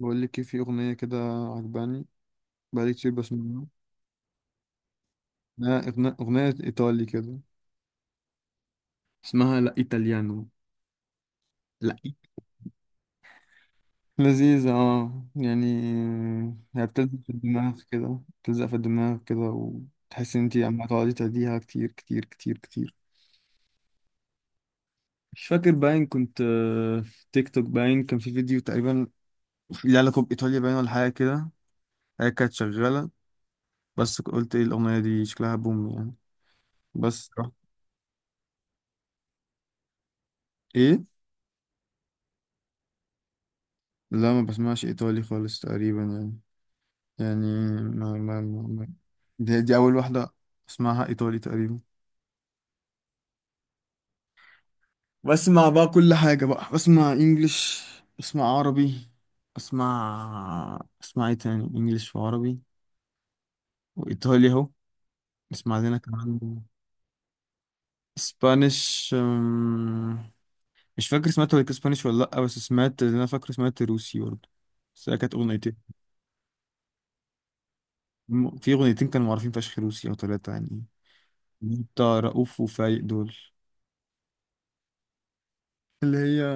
بقول لك إيه، في اغنيه كده عجباني. بقالي كتير بسمعها. إنها اغنيه ايطالي كده. اسمها لا ايطاليانو. لا إي- لذيذه يعني. هي بتلزق في الدماغ كده بتلزق في الدماغ كده وتحس ان انت عم تقعدي تهديها كتير كتير كتير كتير. مش فاكر باين كنت في تيك توك باين كان في فيديو تقريبا ليه علاقه بايطاليا باين ولا حاجه كده. هي كانت شغاله. بس قلت ايه الاغنيه دي شكلها بوم يعني. بس رحت- ايه. لا ما بسمعش ايطالي خالص تقريبا يعني. يعني ما ما ما ما- دي اول واحده اسمعها ايطالي تقريبا. بسمع بقى كل حاجه بقى، بسمع انجليش، بسمع عربي، اسمع ايه تاني، انجليش وعربي وايطالي اهو. بسمع لنا كمان. اسبانيش. مش فاكر سمعت ولا اسبانيش ولا لا، بس سمعت اللي انا فاكر سمعت روسي برضه. بس هي كانت اغنيتين. في اغنيتين كانوا معروفين فشخ روسي او ثلاثه يعني، بتاع رؤوف وفايق دول. اللي هي،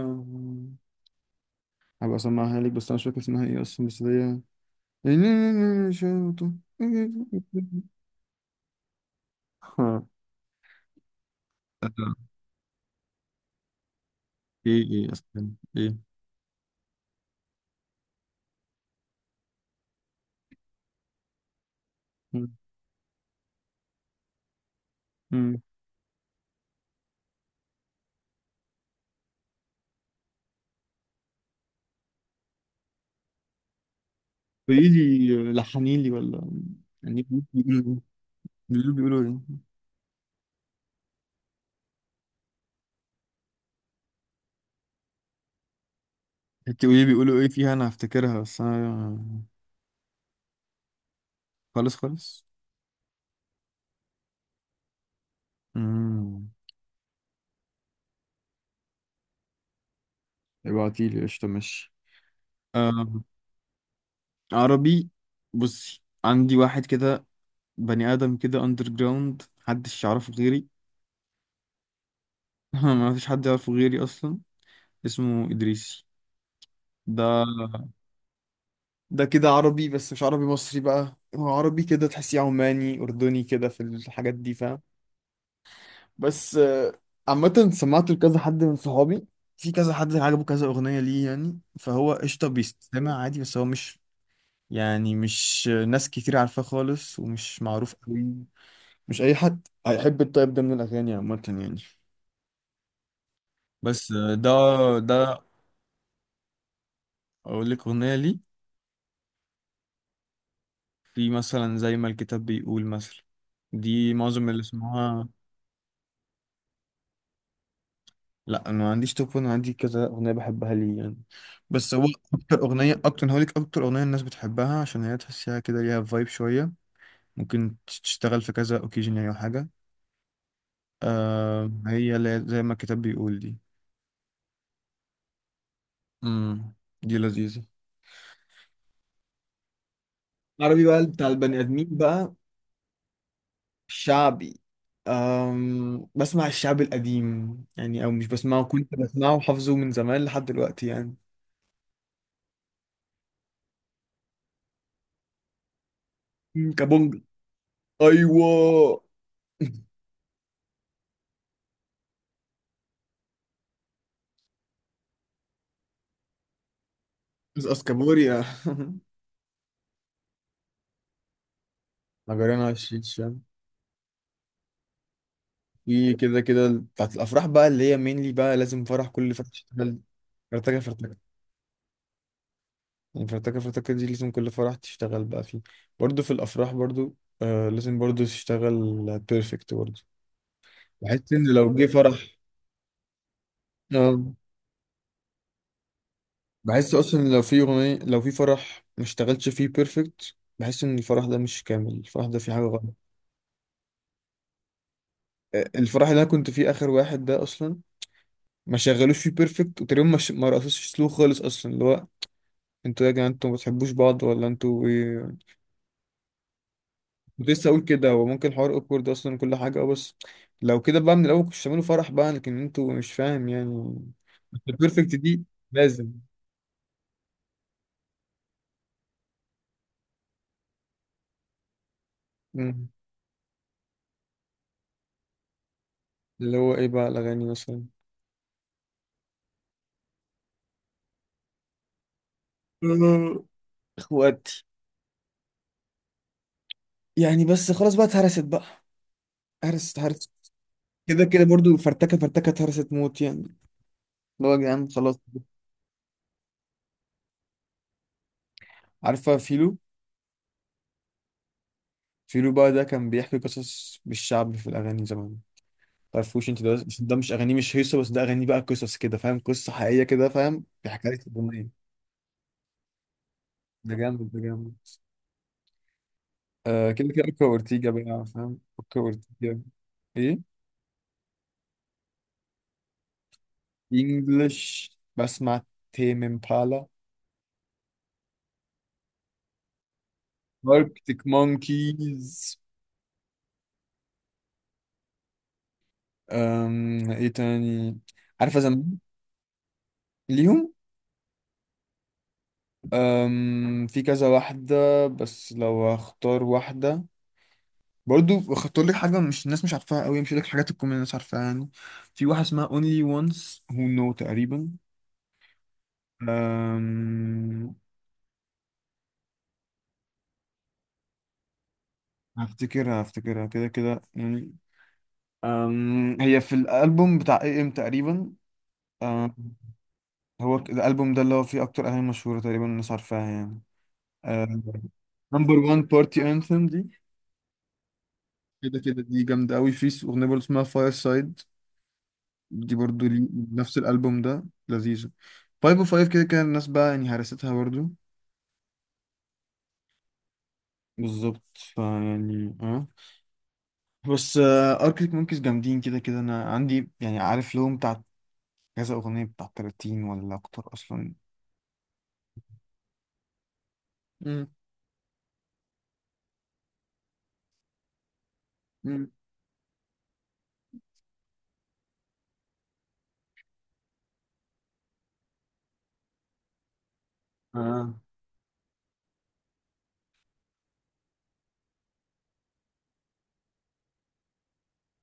هبقى اسمعها لك بس انا مش فاكر اسمها ايه اصلا، بس اللي هي. ها؟ ايه ايه اصلا. ايه. مم. قولي لي لحني لي ولا. يعني بيقولوا ايه. انت قولي لي بيقولوا ايه فيها انا هفتكرها بس انا. خالص خالص. امم. ابعتي لي قشطه ماشي. آه. عربي. بصي عندي واحد كده، بني ادم كده اندر جراوند محدش يعرفه غيري. ما فيش حد يعرفه غيري اصلا. اسمه ادريسي. ده ده كده عربي بس مش عربي مصري بقى، هو عربي كده تحسيه عماني اردني كده في الحاجات دي فاهم. بس عامة سمعت لكذا حد من صحابي، في كذا حد عجبه كذا اغنية ليه يعني، فهو قشطة بيستمع عادي بس هو مش يعني مش ناس كتير عارفاه خالص ومش معروف قوي. مش اي حد هيحب الطيب ده من الاغاني عامة يعني. بس ده، ده اقول لك اغنية ليه. في مثلا زي ما الكتاب بيقول مثلا، دي معظم اللي اسمها. لا انا ما عنديش توب 1، عندي كذا اغنيه بحبها ليه يعني. بس هو اكتر اغنيه اكتر أنا هقولك اكتر اغنيه الناس بتحبها عشان هي تحسيها كده ليها فايب شويه، ممكن تشتغل في كذا اوكيجن يعني او حاجه. هي اللي هي زي ما الكتاب بيقول دي. امم. دي لذيذه. عربي بقى بتاع البني آدمين بقى. شعبي. بسمع الشعب القديم يعني، أو مش بسمعه كنت بسمعه وحافظه من زمان لحد دلوقتي يعني. مم، كابونجا. ايوه. بس اسكابوريا. مجرنا الشيش شام. في كده كده بتاعت الافراح بقى اللي هي مينلي بقى، لازم فرح كل فرح تشتغل فرتكه فرتكه يعني. فرتكه فرتكه دي لازم كل فرح تشتغل بقى فيه. برضه في الافراح برضه، لازم برضه تشتغل بيرفكت برضه. بحس ان لو جه فرح، آه. بحس اصلا لو في اغنيه، لو في فرح ما اشتغلتش فيه بيرفكت بحس ان الفرح ده مش كامل، الفرح ده فيه حاجه غلط. الفرح اللي انا كنت فيه اخر واحد ده اصلا ما شغلوش فيه بيرفكت، وتقريبا ما رقصوش سلو خالص اصلا، اللي هو انتوا يا جماعه انتوا ما بتحبوش بعض ولا انتوا ايه؟ كنت لسه اقول كده، هو ممكن الحوار اوكورد اصلا كل حاجه بس. لو كده بقى من الاول كنتش تعملوا فرح بقى، لكن انتوا مش فاهم يعني. البيرفكت دي لازم. مم. اللي هو ايه بقى الاغاني مثلا. آه، اخواتي. يعني بس خلاص بقى اتهرست بقى، هرست هرست. كده كده برضو فرتكه فرتكه اتهرست موت يعني، اللي هو يا جدعان خلاص. عارفه فيلو؟ فيلو بقى ده كان بيحكي قصص بالشعب في الأغاني زمان. تعرفوش انت؟ ده مش اغانيه مش هيصه، بس ده اغانيه بقى قصص كده فاهم، قصه حقيقيه كده فاهم، دي حكايه الدنيا. ده جامد ده جامد. كده كده اوكا اورتيجا بقى فاهم اوكا اورتيجا. ايه. انجلش بسمع تيم امبالا، اركتيك مونكيز. ايه تاني؟ عارفه زمان. ليهم؟ في كذا واحده، بس لو هختار واحده، برضو خدت لك حاجة مش الناس مش عارفاها قوي، مش لك حاجات تكون الناس عارفاها يعني. في واحدة اسمها Only Once Who Know تقريبا. أم... هفتكرها كده كده يعني. هي في الألبوم بتاع اي ام تقريبا. أم... هو الألبوم ده اللي هو فيه أكتر أغاني مشهورة تقريبا الناس عارفاها يعني. نمبر 1 بارتي انثم دي، كده كده دي جامدة قوي. في أغنية برضو اسمها فاير سايد، دي برضو لي، نفس الالبوم ده، لذيذه. 505 كده كده الناس بقى يعني هرستها برضو، بالظبط فيعني بس اركتيك مونكيز جامدين كده كده، انا عندي يعني عارف لهم بتاع كذا اغنيه بتاع 30 ولا اكتر اصلا. مم. امم اه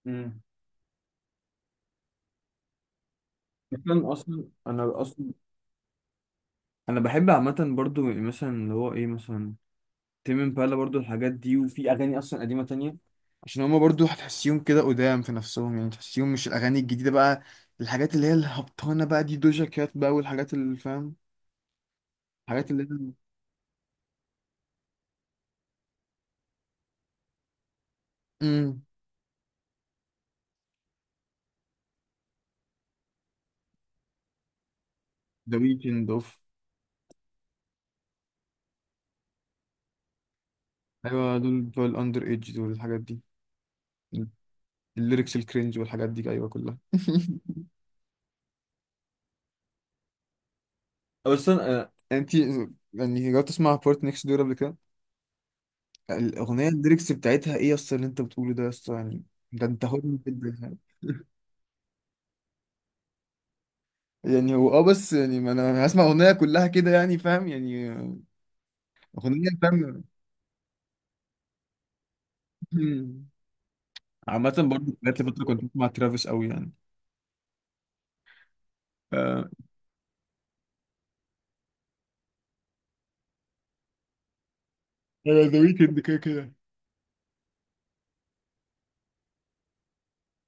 امم اصلا اصلا انا اصلا انا بحب عامه برضو مثلا اللي هو ايه مثلا تيم امبالا برضو، الحاجات دي، وفي اغاني اصلا قديمه تانية عشان هما برضو هتحسيهم كده قدام في نفسهم يعني، تحسيهم مش الاغاني الجديده بقى، الحاجات اللي هي الهبطانه بقى دي دوجا كات بقى والحاجات اللي فاهم، الحاجات اللي هي امم ذا ويكند اوف. ايوه دول بتوع الاندر ايدج دول الحاجات دي، الليركس الكرنج والحاجات دي، ايوه كلها. اصلا انت يعني جربت تسمع بورت نيكست دور قبل كده؟ الاغنيه الليركس بتاعتها ايه اصلا اللي انت بتقوله ده اصلا يعني. ده انت هورن جدا يعني. يعني هو بس يعني ما انا هسمع اغنيه كلها كده يعني فاهم يعني، اغنيه فاهم. مم. عامة برضه جات لي فترة كنت بسمع ترافيس قوي يعني. آه. انا ذا ويكند كده كده،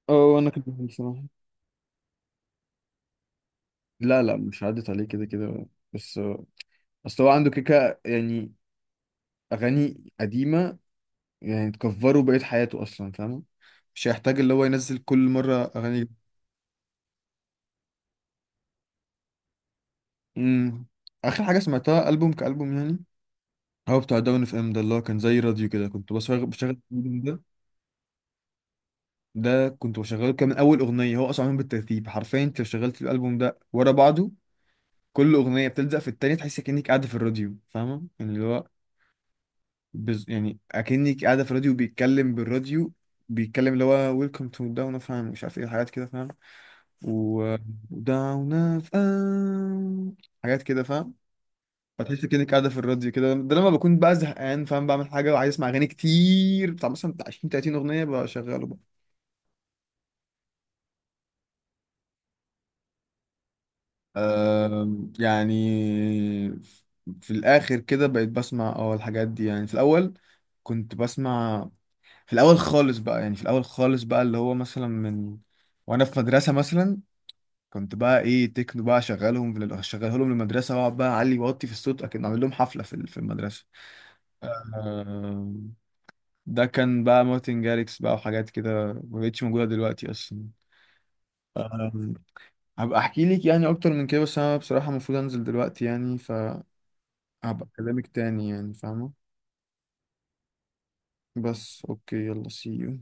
اه انا كنت بحب بصراحه. لا لا مش عدت عليه كده كده. بس اصل هو عنده كيكة يعني، اغاني قديمة، يعني تكفره بقية حياته اصلا فاهم، مش هيحتاج اللي هو ينزل كل مرة اغاني. امم اخر حاجة سمعتها البوم كالبوم يعني، هو بتاع داون اف ام ده، اللي هو كان زي راديو كده، كنت بشغل ده كنت بشغله. كان من اول اغنيه هو اصلا معمول بالترتيب حرفيا، انت لو شغلت الالبوم ده ورا بعضه كل اغنيه بتلزق في التانيه تحس كانك قاعده في الراديو فاهمه يعني، اللي هو يعني اكنك قاعده في الراديو بيتكلم بالراديو، بيتكلم اللي هو ويلكم تو داون اوف مش عارف ايه، حاجات كده فاهم، و داون اوف، حاجات كده فاهم. فتحس كأنك قاعدة في الراديو كده. ده لما بكون بقى زهقان فاهم، بعمل حاجة وعايز اسمع أغاني كتير بتاع مثلا بتاع 20 30 أغنية بشغله. يعني في الآخر كده بقيت بسمع الحاجات دي يعني. في الأول كنت بسمع، في الأول خالص بقى، يعني في الأول خالص بقى اللي هو مثلا من وأنا في مدرسة مثلا، كنت بقى إيه تكنو بقى شغالهم، في شغاله لهم للمدرسة وأقعد بقى أعلي وأوطي في الصوت أكيد أعمل لهم حفلة في المدرسة. آم، ده كان بقى مارتن جاريكس بقى وحاجات كده ما بقتش موجودة دلوقتي أصلا. آم، هبقى أحكي لك يعني أكتر من كده بس أنا بصراحة المفروض أنزل دلوقتي يعني، ف هبقى اكلمك تاني يعني فاهمة. بس اوكي يلا سي يو.